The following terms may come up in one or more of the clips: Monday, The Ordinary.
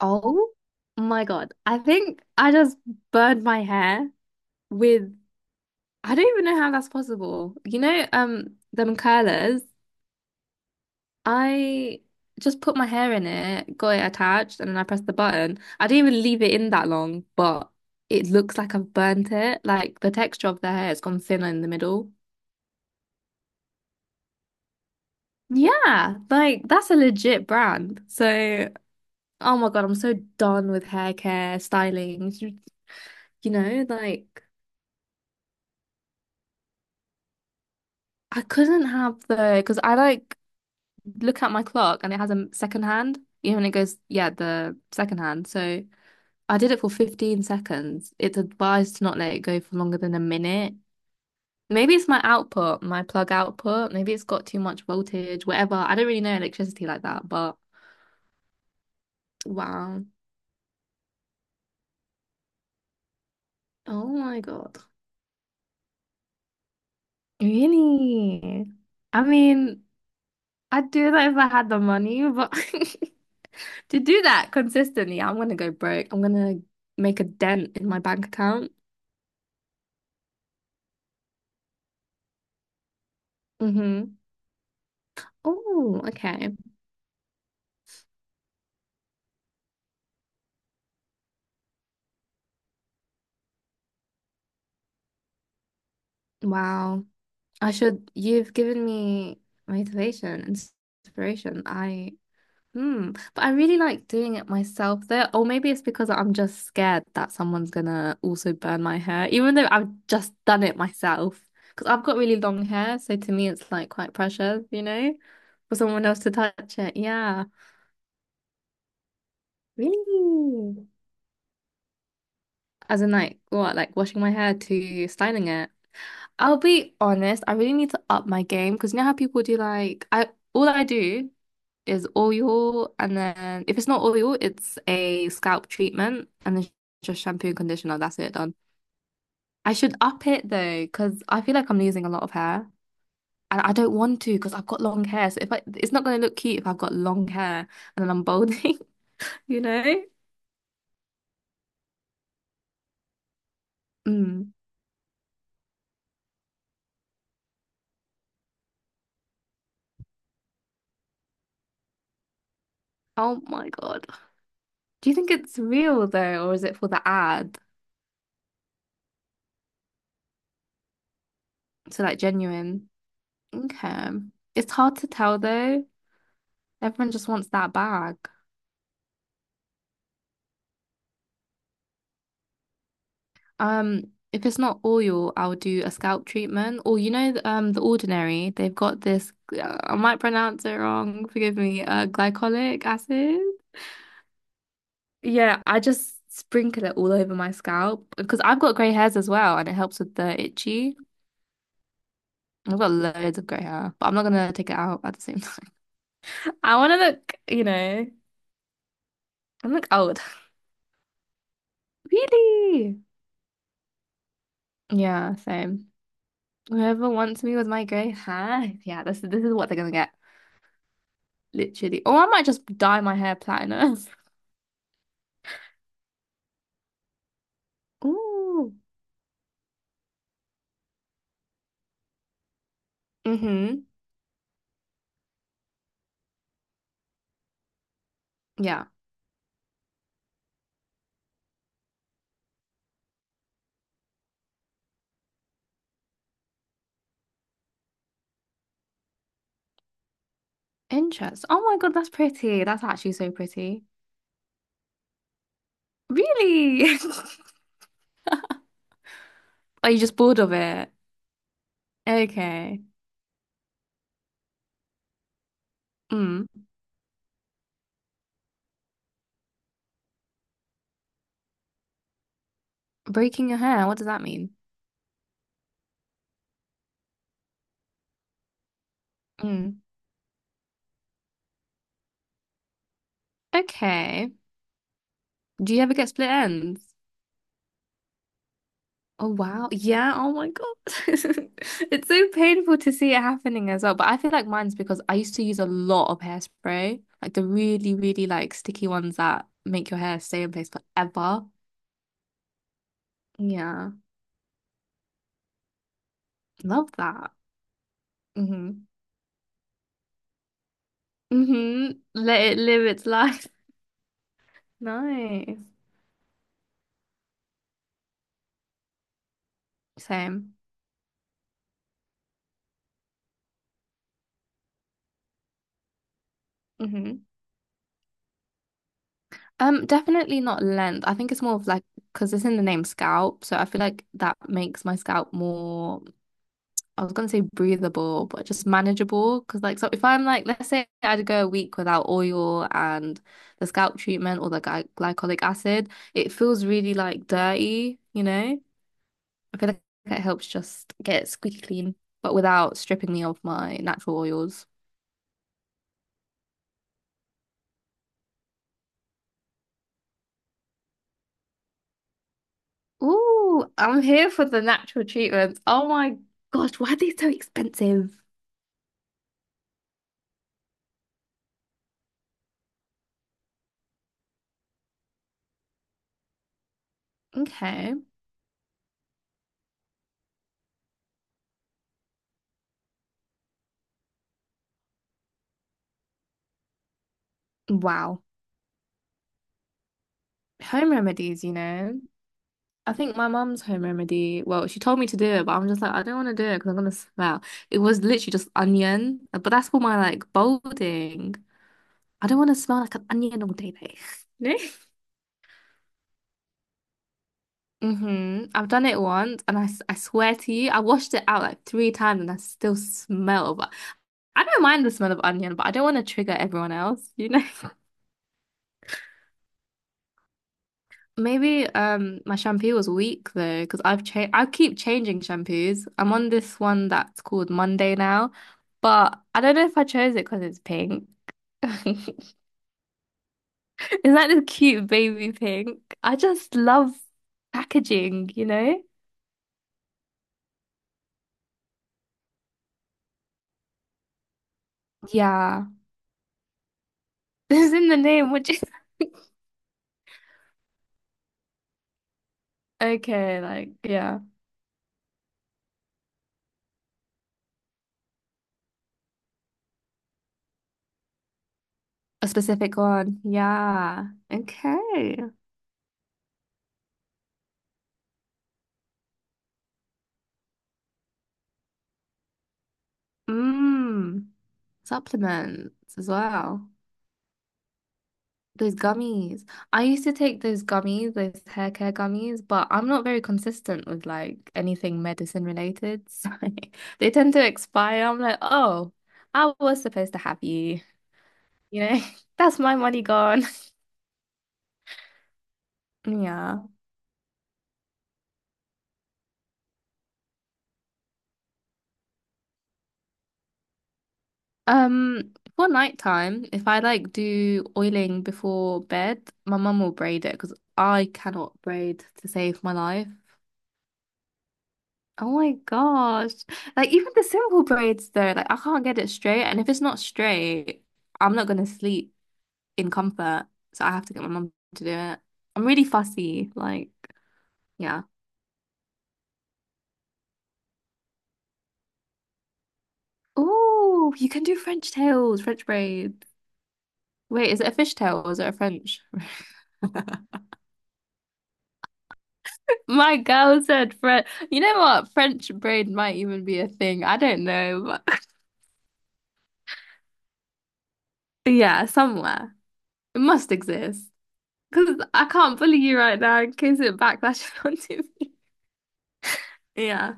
Oh my God. I think I just burned my hair with, I don't even know how that's possible. Them curlers, I just put my hair in it, got it attached, and then I pressed the button. I didn't even leave it in that long, but it looks like I've burnt it. Like the texture of the hair has gone thinner in the middle. Yeah, like that's a legit brand. So, oh my God, I'm so done with hair care, styling. You know, like. I couldn't have the because I like look at my clock and it has a second hand, you know, and it goes, yeah, the second hand. So I did it for 15 seconds. It's advised to not let it go for longer than a minute. Maybe it's my output, my plug output. Maybe it's got too much voltage, whatever. I don't really know electricity like that, but wow. Oh my God. Really? I mean, I'd do that if I had the money, but to do that consistently, I'm gonna go broke. I'm gonna make a dent in my bank account. Mm-hmm. Oh, okay. Wow. I should, you've given me motivation, and inspiration. I, hmm. But I really like doing it myself though. Or maybe it's because I'm just scared that someone's gonna also burn my hair, even though I've just done it myself. Because I've got really long hair, so to me it's like quite precious, you know, for someone else to touch it. Yeah. Really? As in like what, like washing my hair to styling it. I'll be honest, I really need to up my game because you know how people do like I all I do is oil, and then if it's not oil, it's a scalp treatment and then just shampoo and conditioner, that's it done. I should up it though, because I feel like I'm losing a lot of hair. And I don't want to because I've got long hair. So if I, it's not going to look cute if I've got long hair and then I'm balding, you know? Mm. Oh my God. Do you think it's real though, or is it for the ad? So like genuine. Okay. It's hard to tell though. Everyone just wants that bag. If it's not oil, I'll do a scalp treatment. Or you know, The Ordinary, they've got this, I might pronounce it wrong, forgive me, glycolic acid. Yeah, I just sprinkle it all over my scalp because I've got grey hairs as well and it helps with the itchy. I've got loads of grey hair, but I'm not gonna take it out at the same time. I wanna look, you know, I look old. Really? Yeah, same. Whoever wants me with my grey hair. Yeah, this is what they're gonna get. Literally. Or I might just dye my hair platinum. Ooh. Mm-hmm. Yeah. Interest. Oh my God, that's pretty. That's actually so pretty. Really? Are you just bored of it? Okay. Mm. Breaking your hair, what does that mean? Mm. Okay. Do you ever get split ends? Oh wow. Yeah. Oh my God. It's so painful to see it happening as well. But I feel like mine's because I used to use a lot of hairspray, like the really, really like sticky ones that make your hair stay in place forever. Yeah. Love that. Mm-hmm. Mm-hmm. Let it live its life. Nice. Same. Mm-hmm. Definitely not length. I think it's more of like because it's in the name scalp, so I feel like that makes my scalp more I was gonna say breathable, but just manageable. Because like, so if I'm like, let's say I'd go a week without oil and the scalp treatment or the glycolic acid, it feels really like dirty, you know? I feel like it helps just get it squeaky clean, but without stripping me of my natural oils. Ooh, I'm here for the natural treatments. Oh my gosh, why are they so expensive? Okay. Wow. Home remedies, you know? I think my mum's home remedy, well, she told me to do it, but I'm just like, I don't want to do it because I'm gonna smell. It was literally just onion, but that's for my like balding. I don't want to smell like an onion all day, day. No? Mm-hmm. I've done it once, and I swear to you, I washed it out like 3 times, and I still smell. But I don't mind the smell of onion, but I don't want to trigger everyone else, you know? Maybe my shampoo was weak though, because I keep changing shampoos. I'm on this one that's called Monday now, but I don't know if I chose it because it's pink. Is that this cute baby pink? I just love packaging, you know? Yeah. This is in the name, which is okay, like yeah. A specific one. Yeah. Okay. Mmm. Supplements as well. Those gummies. I used to take those gummies, those hair care gummies, but I'm not very consistent with like anything medicine related. So they tend to expire. I'm like, oh, I was supposed to have you. You know, that's my money gone. Yeah. For nighttime, if I like do oiling before bed, my mum will braid it because I cannot braid to save my life. Oh my gosh. Like even the simple braids though, like I can't get it straight. And if it's not straight, I'm not gonna sleep in comfort. So I have to get my mum to do it. I'm really fussy, like yeah. Oh, you can do French tails, French braids. Wait, is it a fishtail or is it a French? My girl said French. You know what? French braid might even be a thing. I don't know. But yeah, somewhere. It must exist. Because I can't bully you right now in case it backlashes onto me. Yeah.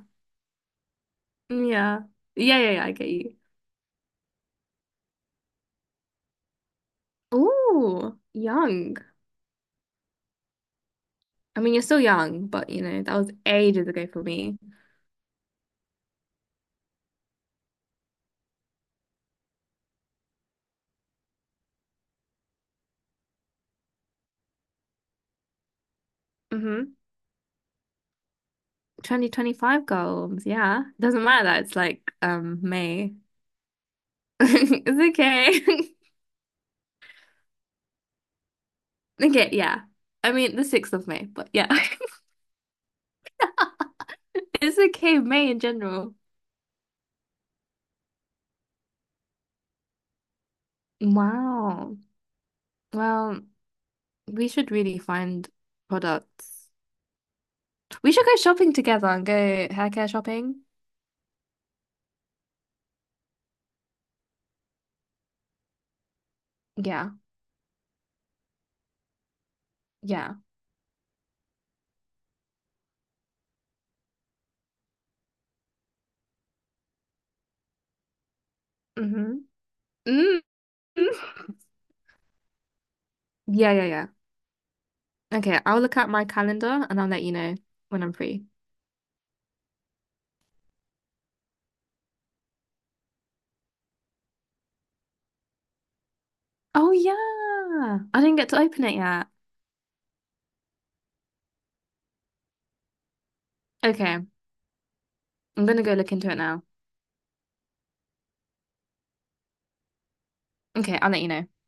Yeah. Yeah, yeah, yeah, I get you. Ooh, young. I mean, you're still young, but you know, that was ages ago for me. Mm-hmm. 2025 goals. Yeah. Doesn't matter that it's like May. It's okay. Okay, yeah. I mean, the 6th of May, but yeah. It's okay, May in general. Wow. Well, we should really find products. We should go shopping together and go hair care shopping. Yeah. Yeah. Mm-hmm. mm Yeah, yeah, yeah. Okay, I'll look at my calendar and I'll let you know when I'm free. Oh, yeah. I didn't get to open it yet. Okay, I'm gonna go look into it now. Okay, I'll let you know.